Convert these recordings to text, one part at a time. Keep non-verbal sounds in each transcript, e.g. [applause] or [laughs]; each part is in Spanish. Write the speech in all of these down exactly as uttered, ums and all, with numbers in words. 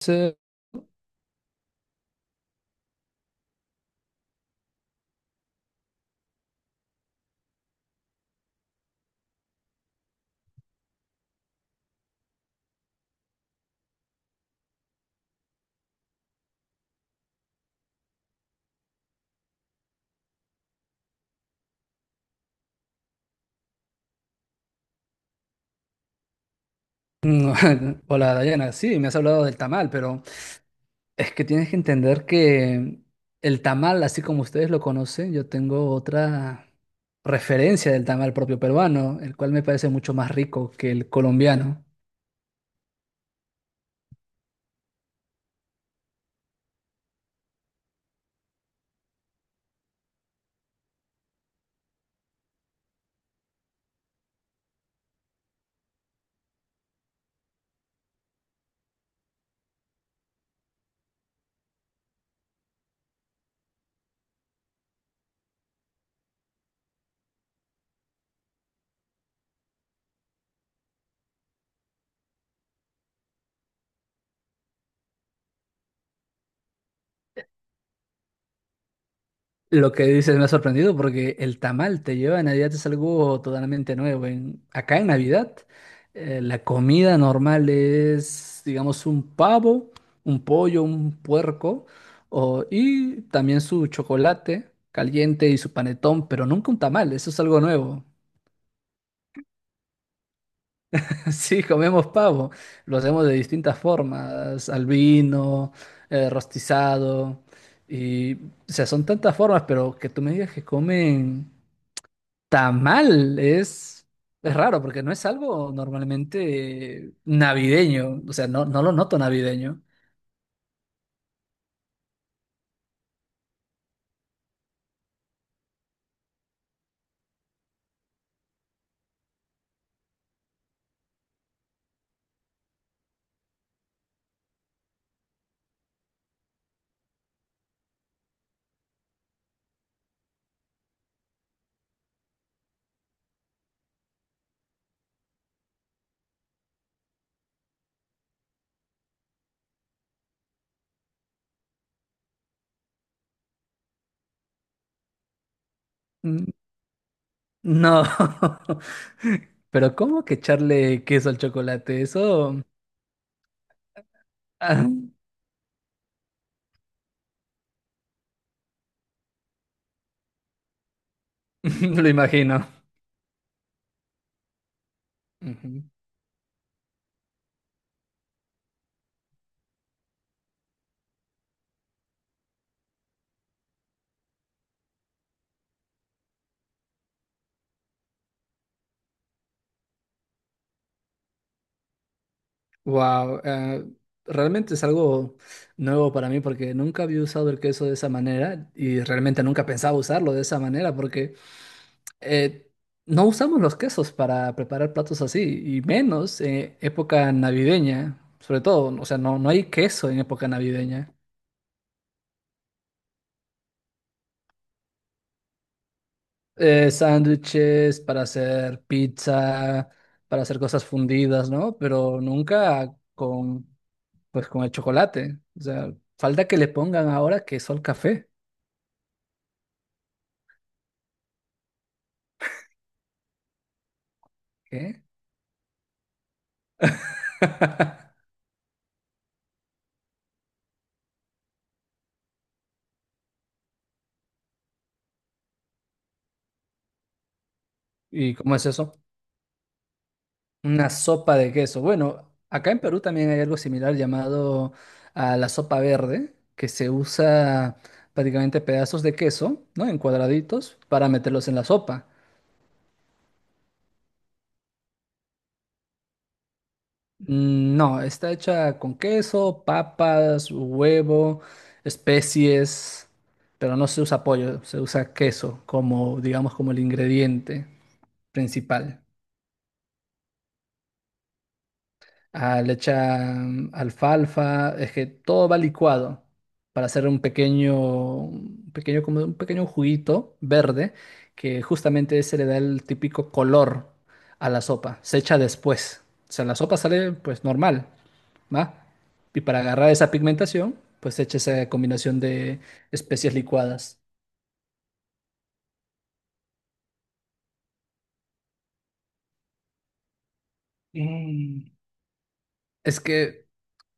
Sí, no, [laughs] Hola Dayana, sí, me has hablado del tamal, pero es que tienes que entender que el tamal, así como ustedes lo conocen, yo tengo otra referencia del tamal propio peruano, el cual me parece mucho más rico que el colombiano. Lo que dices me ha sorprendido porque el tamal te lleva a Navidad es algo totalmente nuevo. En- acá en Navidad, eh, la comida normal es, digamos, un pavo, un pollo, un puerco o- y también su chocolate caliente y su panetón, pero nunca un tamal, eso es algo nuevo. [laughs] Sí, comemos pavo, lo hacemos de distintas formas, al vino, eh, rostizado y, o sea, son tantas formas, pero que tú me digas que comen. Tamal es, es raro porque no es algo normalmente navideño, o sea, no, no lo noto navideño. Mm, no, [laughs] pero ¿cómo que echarle queso al chocolate? Eso ah, [laughs] lo imagino. Wow, realmente es algo nuevo para mí porque nunca había usado el queso de esa manera y realmente nunca pensaba usarlo de esa manera porque eh, no usamos los quesos para preparar platos así, y menos en época navideña, sobre todo, o sea, no, no hay queso en época navideña. Eh, sándwiches para hacer pizza, para hacer cosas fundidas, ¿no? Pero nunca con, pues, con el chocolate. O sea, falta que le pongan ahora queso al café. ¿Qué? [laughs] ¿Y cómo es eso? Una sopa de queso. Bueno, acá en Perú también hay algo similar llamado a la sopa verde, que se usa prácticamente pedazos de queso, ¿no? En cuadraditos para meterlos en la sopa. Mm, no, está hecha con queso, papas, huevo, especies, pero no se usa pollo, se usa queso como, digamos, como el ingrediente principal. Ah, le echan alfalfa, es que todo va licuado para hacer un pequeño, un pequeño, como un pequeño juguito verde que justamente ese le da el típico color a la sopa. Se echa después. O sea, la sopa sale pues normal, ¿va? Y para agarrar esa pigmentación, pues se echa esa combinación de especias licuadas. Mm. Es que,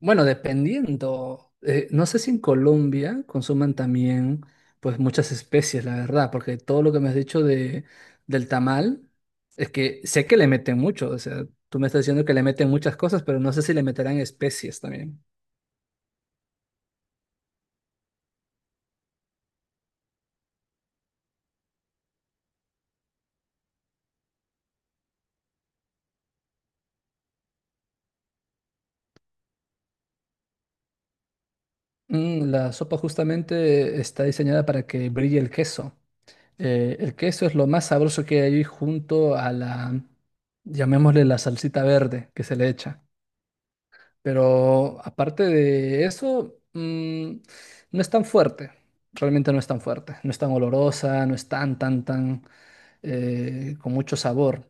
bueno, dependiendo, eh, no sé si en Colombia consuman también, pues muchas especies, la verdad, porque todo lo que me has dicho de, del tamal, es que sé que le meten mucho, o sea, tú me estás diciendo que le meten muchas cosas, pero no sé si le meterán especies también. Mm, la sopa justamente está diseñada para que brille el queso. Eh, el queso es lo más sabroso que hay junto a la, llamémosle la salsita verde que se le echa. Pero aparte de eso, mm, no es tan fuerte. Realmente no es tan fuerte. No es tan olorosa, no es tan, tan, tan eh, con mucho sabor.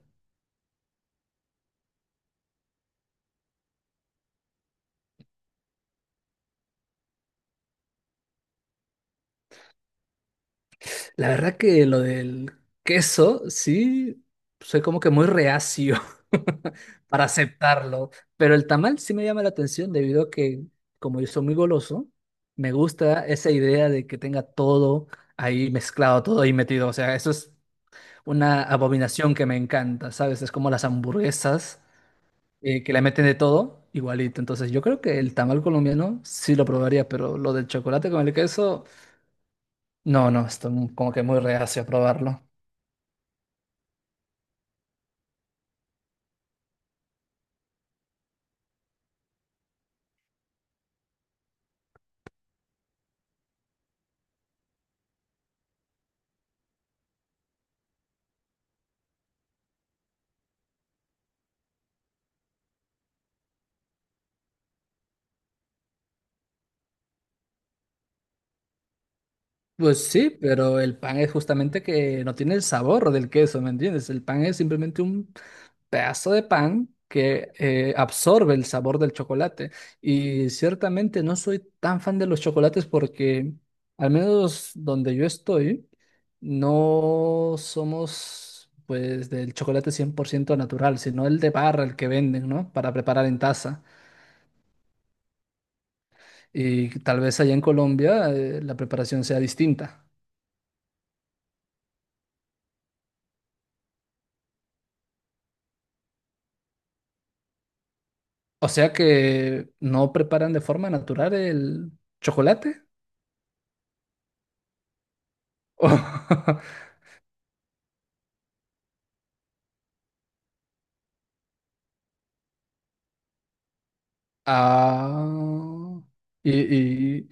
La verdad que lo del queso, sí, soy como que muy reacio [laughs] para aceptarlo. Pero el tamal sí me llama la atención debido a que, como yo soy muy goloso, me gusta esa idea de que tenga todo ahí mezclado, todo ahí metido. O sea, eso es una abominación que me encanta, ¿sabes? Es como las hamburguesas eh, que le meten de todo, igualito. Entonces, yo creo que el tamal colombiano sí lo probaría, pero lo del chocolate con el queso, no, no, estoy mu- como que muy reacio a probarlo. Pues sí, pero el pan es justamente que no tiene el sabor del queso, ¿me entiendes? El pan es simplemente un pedazo de pan que eh, absorbe el sabor del chocolate. Y ciertamente no soy tan fan de los chocolates porque, al menos donde yo estoy, no somos pues del chocolate cien por ciento natural, sino el de barra, el que venden, ¿no? Para preparar en taza. Y tal vez allá en Colombia eh, la preparación sea distinta. O sea que no preparan de forma natural el chocolate. [laughs] Ah, y, y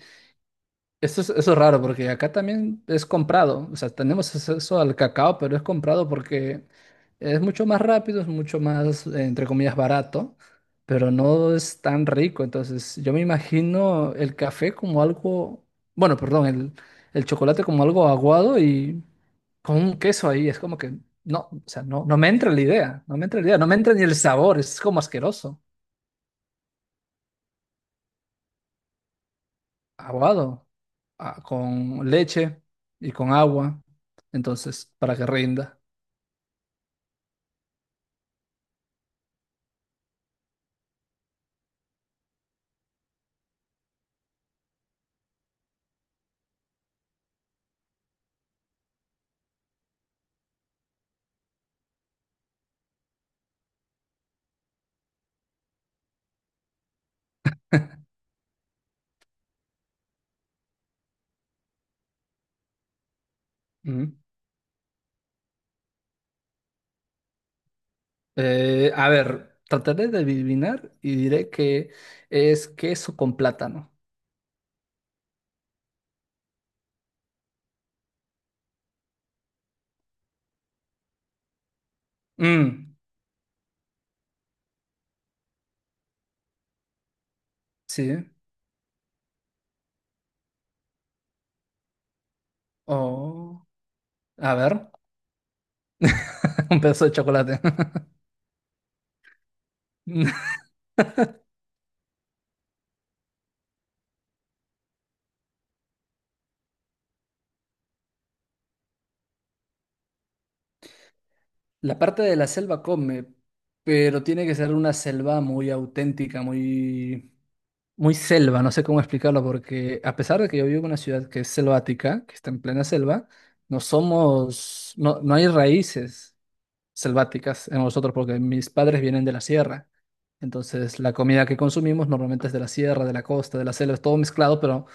eso es, eso es raro porque acá también es comprado, o sea, tenemos acceso al cacao, pero es comprado porque es mucho más rápido, es mucho más, eh, entre comillas, barato, pero no es tan rico. Entonces, yo me imagino el café como algo, bueno, perdón, el, el chocolate como algo aguado y con un queso ahí, es como que no, o sea, no, no me entra la idea, no me entra la idea, no me entra ni el sabor, es como asqueroso. Aguado, ah, con leche y con agua, entonces, para que rinda. Ujú. Eh, a ver, trataré de adivinar y diré que es queso con plátano. Mm, sí. Oh, a ver, [laughs] un pedazo de chocolate. [laughs] La parte de la selva come, pero tiene que ser una selva muy auténtica, muy muy selva, no sé cómo explicarlo, porque a pesar de que yo vivo en una ciudad que es selvática, que está en plena selva, no somos, no, no hay raíces selváticas en nosotros, porque mis padres vienen de la sierra. Entonces, la comida que consumimos normalmente es de la sierra, de la costa, de la selva, es todo mezclado, pero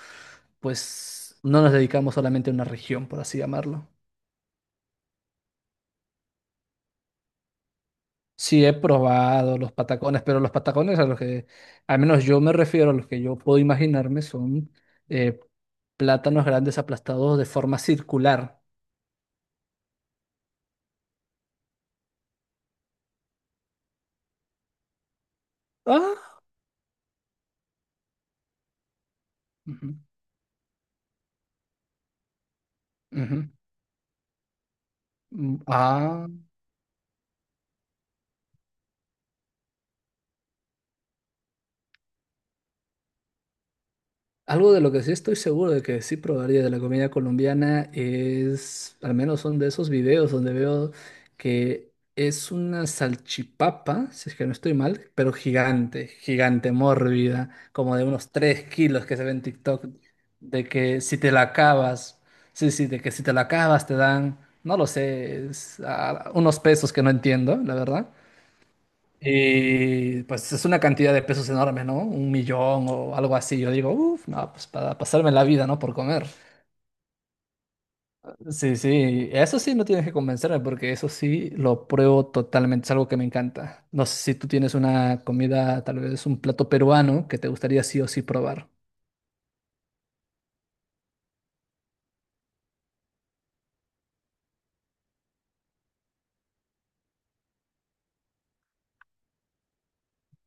pues no nos dedicamos solamente a una región, por así llamarlo. Sí, he probado los patacones, pero los patacones a los que, al menos yo me refiero, a los que yo puedo imaginarme, son eh, plátanos grandes aplastados de forma circular. Ah, ujú, ujú. Mm, ah. Algo de lo que sí estoy seguro de que sí probaría de la comida colombiana es, al menos son de esos videos donde veo que es una salchipapa, si es que no estoy mal, pero gigante, gigante, mórbida, como de unos tres kilos que se ve en TikTok, de que si te la acabas, sí, sí, de que si te la acabas te dan, no lo sé, es, ah, unos pesos que no entiendo, la verdad, y pues es una cantidad de pesos enorme, ¿no? Un millón o algo así. Yo digo, uff, no, pues para pasarme la vida, ¿no? Por comer. Sí, sí, eso sí no tienes que convencerme porque eso sí lo pruebo totalmente, es algo que me encanta. No sé si tú tienes una comida, tal vez un plato peruano que te gustaría sí o sí probar.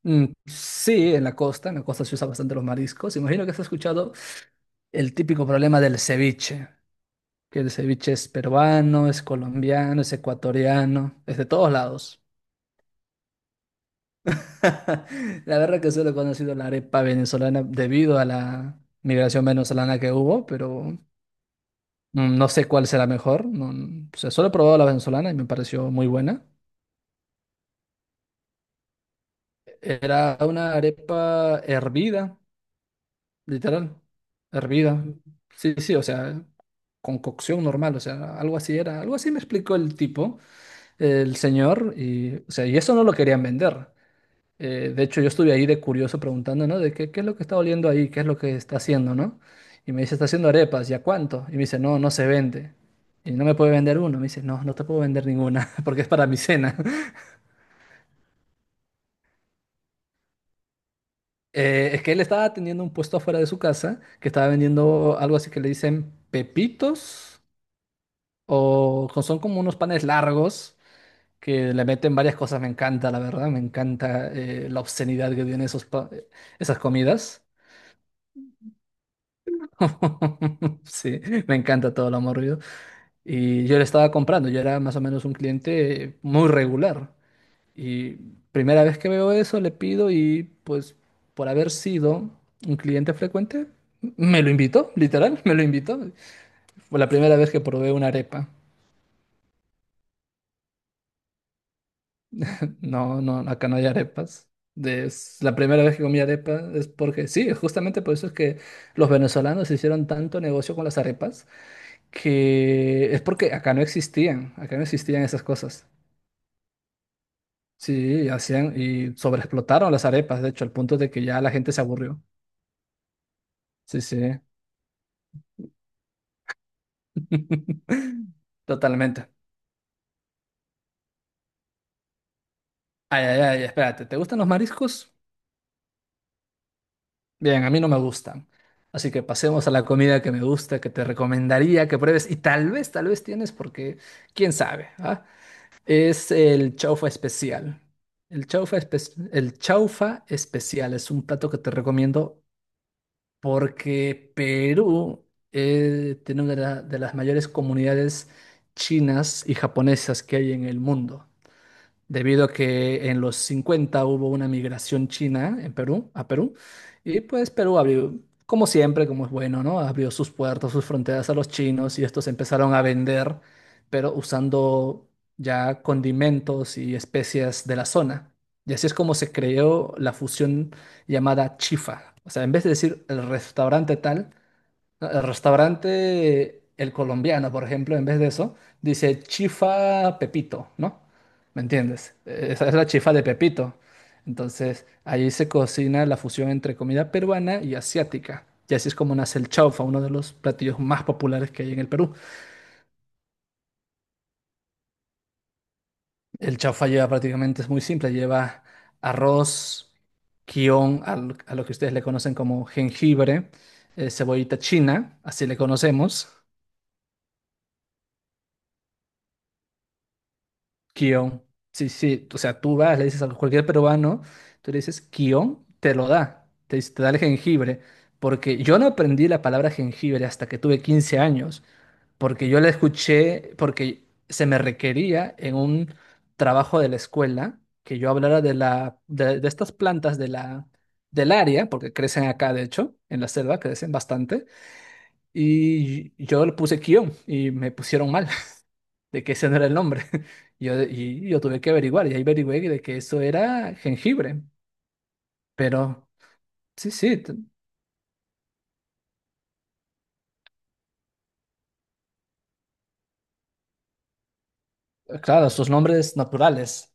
Mm, sí, en la costa, en la costa se usa bastante los mariscos. Imagino que has escuchado el típico problema del ceviche, que el ceviche es peruano, es colombiano, es ecuatoriano, es de todos lados. [laughs] La verdad que solo he conocido la arepa venezolana debido a la migración venezolana que hubo, pero no no sé cuál será mejor. No, no- o sea, solo he probado la venezolana y me pareció muy buena. Era una arepa hervida, literal, hervida. Sí, sí, o sea, con cocción normal, o sea, algo así era. Algo así me explicó el tipo, el señor, y, o sea, y eso no lo querían vender. Eh, de hecho, yo estuve ahí de curioso preguntando, ¿no? De qué, qué es lo que está oliendo ahí, qué es lo que está haciendo, ¿no? Y me dice, está haciendo arepas, ¿y a cuánto? Y me dice, no, no se vende. Y no me puede vender uno. Me dice, no, no te puedo vender ninguna [laughs] porque es para mi cena. [laughs] Eh, es que él estaba teniendo un puesto afuera de su casa que estaba vendiendo algo así que le dicen pepitos o co- son como unos panes largos que le meten varias cosas. Me encanta, la verdad, me encanta eh, la obscenidad que tienen esos pa- eh, esas comidas. [laughs] Sí, me encanta todo lo amorrido. Y yo le estaba comprando, yo era más o menos un cliente muy regular. Y primera vez que veo eso, le pido y pues por haber sido un cliente frecuente, me lo invitó, literal, [laughs] me lo invitó. Fue la primera vez que probé una arepa. No, no, acá no hay arepas. Es la primera vez que comí arepa es porque sí, justamente por eso es que los venezolanos hicieron tanto negocio con las arepas que es porque acá no existían, acá no existían esas cosas. Sí, hacían y sobreexplotaron las arepas, de hecho, al punto de que ya la gente se aburrió. Sí, sí. [laughs] Totalmente. Ay, ay, ay, espérate, ¿te gustan los mariscos? Bien, a mí no me gustan. Así que pasemos a la comida que me gusta, que te recomendaría que pruebes y tal vez, tal vez tienes porque quién sabe, ¿ah? Es el chaufa especial. El chaufa, espe- el chaufa especial es un plato que te recomiendo porque Perú eh, tiene una de, la- de las mayores comunidades chinas y japonesas que hay en el mundo debido a que en los cincuenta hubo una migración china en Perú, a Perú, y pues Perú abrió, como siempre, como es bueno, ¿no? Abrió sus puertos, sus fronteras a los chinos y estos empezaron a vender, pero usando ya condimentos y especias de la zona. Y así es como se creó la fusión llamada chifa. O sea, en vez de decir el restaurante tal, no, el restaurante, el colombiano, por ejemplo, en vez de eso, dice chifa Pepito, ¿no? ¿Me entiendes? Eh, Esa es la chifa de Pepito. Entonces, ahí se cocina la fusión entre comida peruana y asiática. Y así es como nace el chaufa, uno de los platillos más populares que hay en el Perú. El chaufa lleva prácticamente, es muy simple, lleva arroz, guión, al- a lo que ustedes le conocen como jengibre, eh, cebollita china, así le conocemos. Guión. Sí, sí. O sea, tú vas, le dices a cualquier peruano, tú le dices guión, te lo da. Te, dice- te da el jengibre. Porque yo no aprendí la palabra jengibre hasta que tuve quince años. Porque yo la escuché, porque se me requería en un trabajo de la escuela que yo hablara de, la, de, de estas plantas de la, del área, porque crecen acá, de hecho, en la selva, crecen bastante. Y yo le puse guión y me pusieron mal de que ese no era el nombre. [laughs] Yo, y yo tuve que averiguar, y ahí averigüé de que eso era jengibre. Pero sí, sí, t- claro, sus nombres naturales,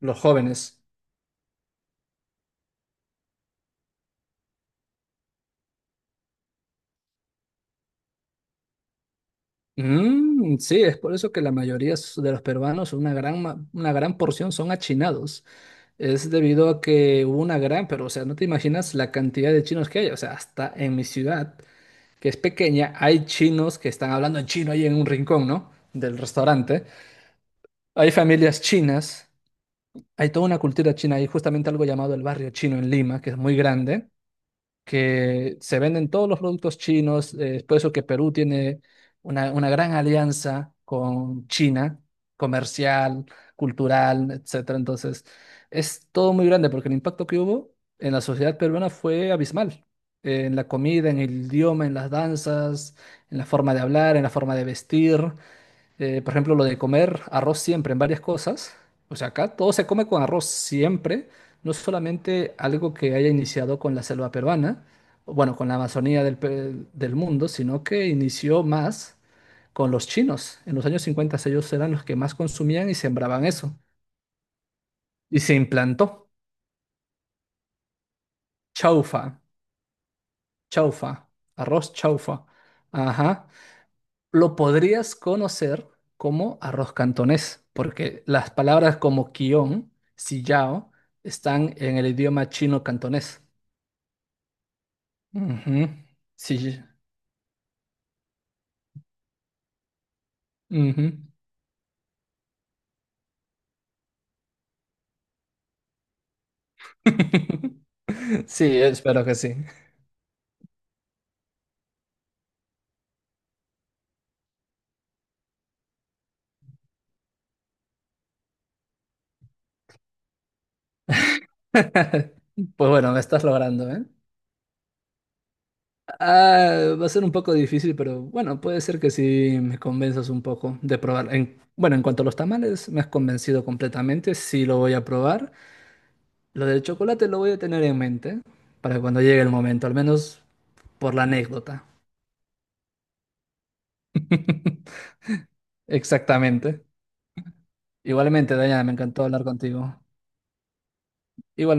los jóvenes. Mm, sí, es por eso que la mayoría s- de los peruanos, una gran, ma- una gran porción son achinados. Es debido a que hubo una gran, pero o sea, no te imaginas la cantidad de chinos que hay. O sea, hasta en mi ciudad, que es pequeña, hay chinos que están hablando en chino ahí en un rincón, ¿no? Del restaurante. Hay familias chinas. Hay toda una cultura china, hay justamente algo llamado el barrio chino en Lima, que es muy grande, que se venden todos los productos chinos, eh, es por eso que Perú tiene una, una gran alianza con China, comercial, cultural, etcétera. Entonces, es todo muy grande porque el impacto que hubo en la sociedad peruana fue abismal. Eh, en la comida, en el idioma, en las danzas, en la forma de hablar, en la forma de vestir. Eh, por ejemplo, lo de comer arroz siempre en varias cosas. O sea, acá todo se come con arroz siempre, no solamente algo que haya iniciado con la selva peruana, o bueno, con la Amazonía del, pe- del mundo, sino que inició más con los chinos. En los años cincuenta ellos eran los que más consumían y sembraban eso. Y se implantó chaufa, chaufa, arroz chaufa. Ajá. Lo podrías conocer como arroz cantonés, porque las palabras como quion, sillao, están en el idioma chino-cantonés. Ujú, sí, ujú. [laughs] Sí, espero que sí. [laughs] Pues bueno, me estás logrando, ¿eh? Ah, va a ser un poco difícil, pero bueno, puede ser que sí me convenzas un poco de probar. En- bueno, en cuanto a los tamales, me has convencido completamente, sí lo voy a probar. Lo del chocolate lo voy a tener en mente para cuando llegue el momento, al menos por la anécdota. [laughs] Exactamente. Igualmente, Dayana, me encantó hablar contigo. Igualmente.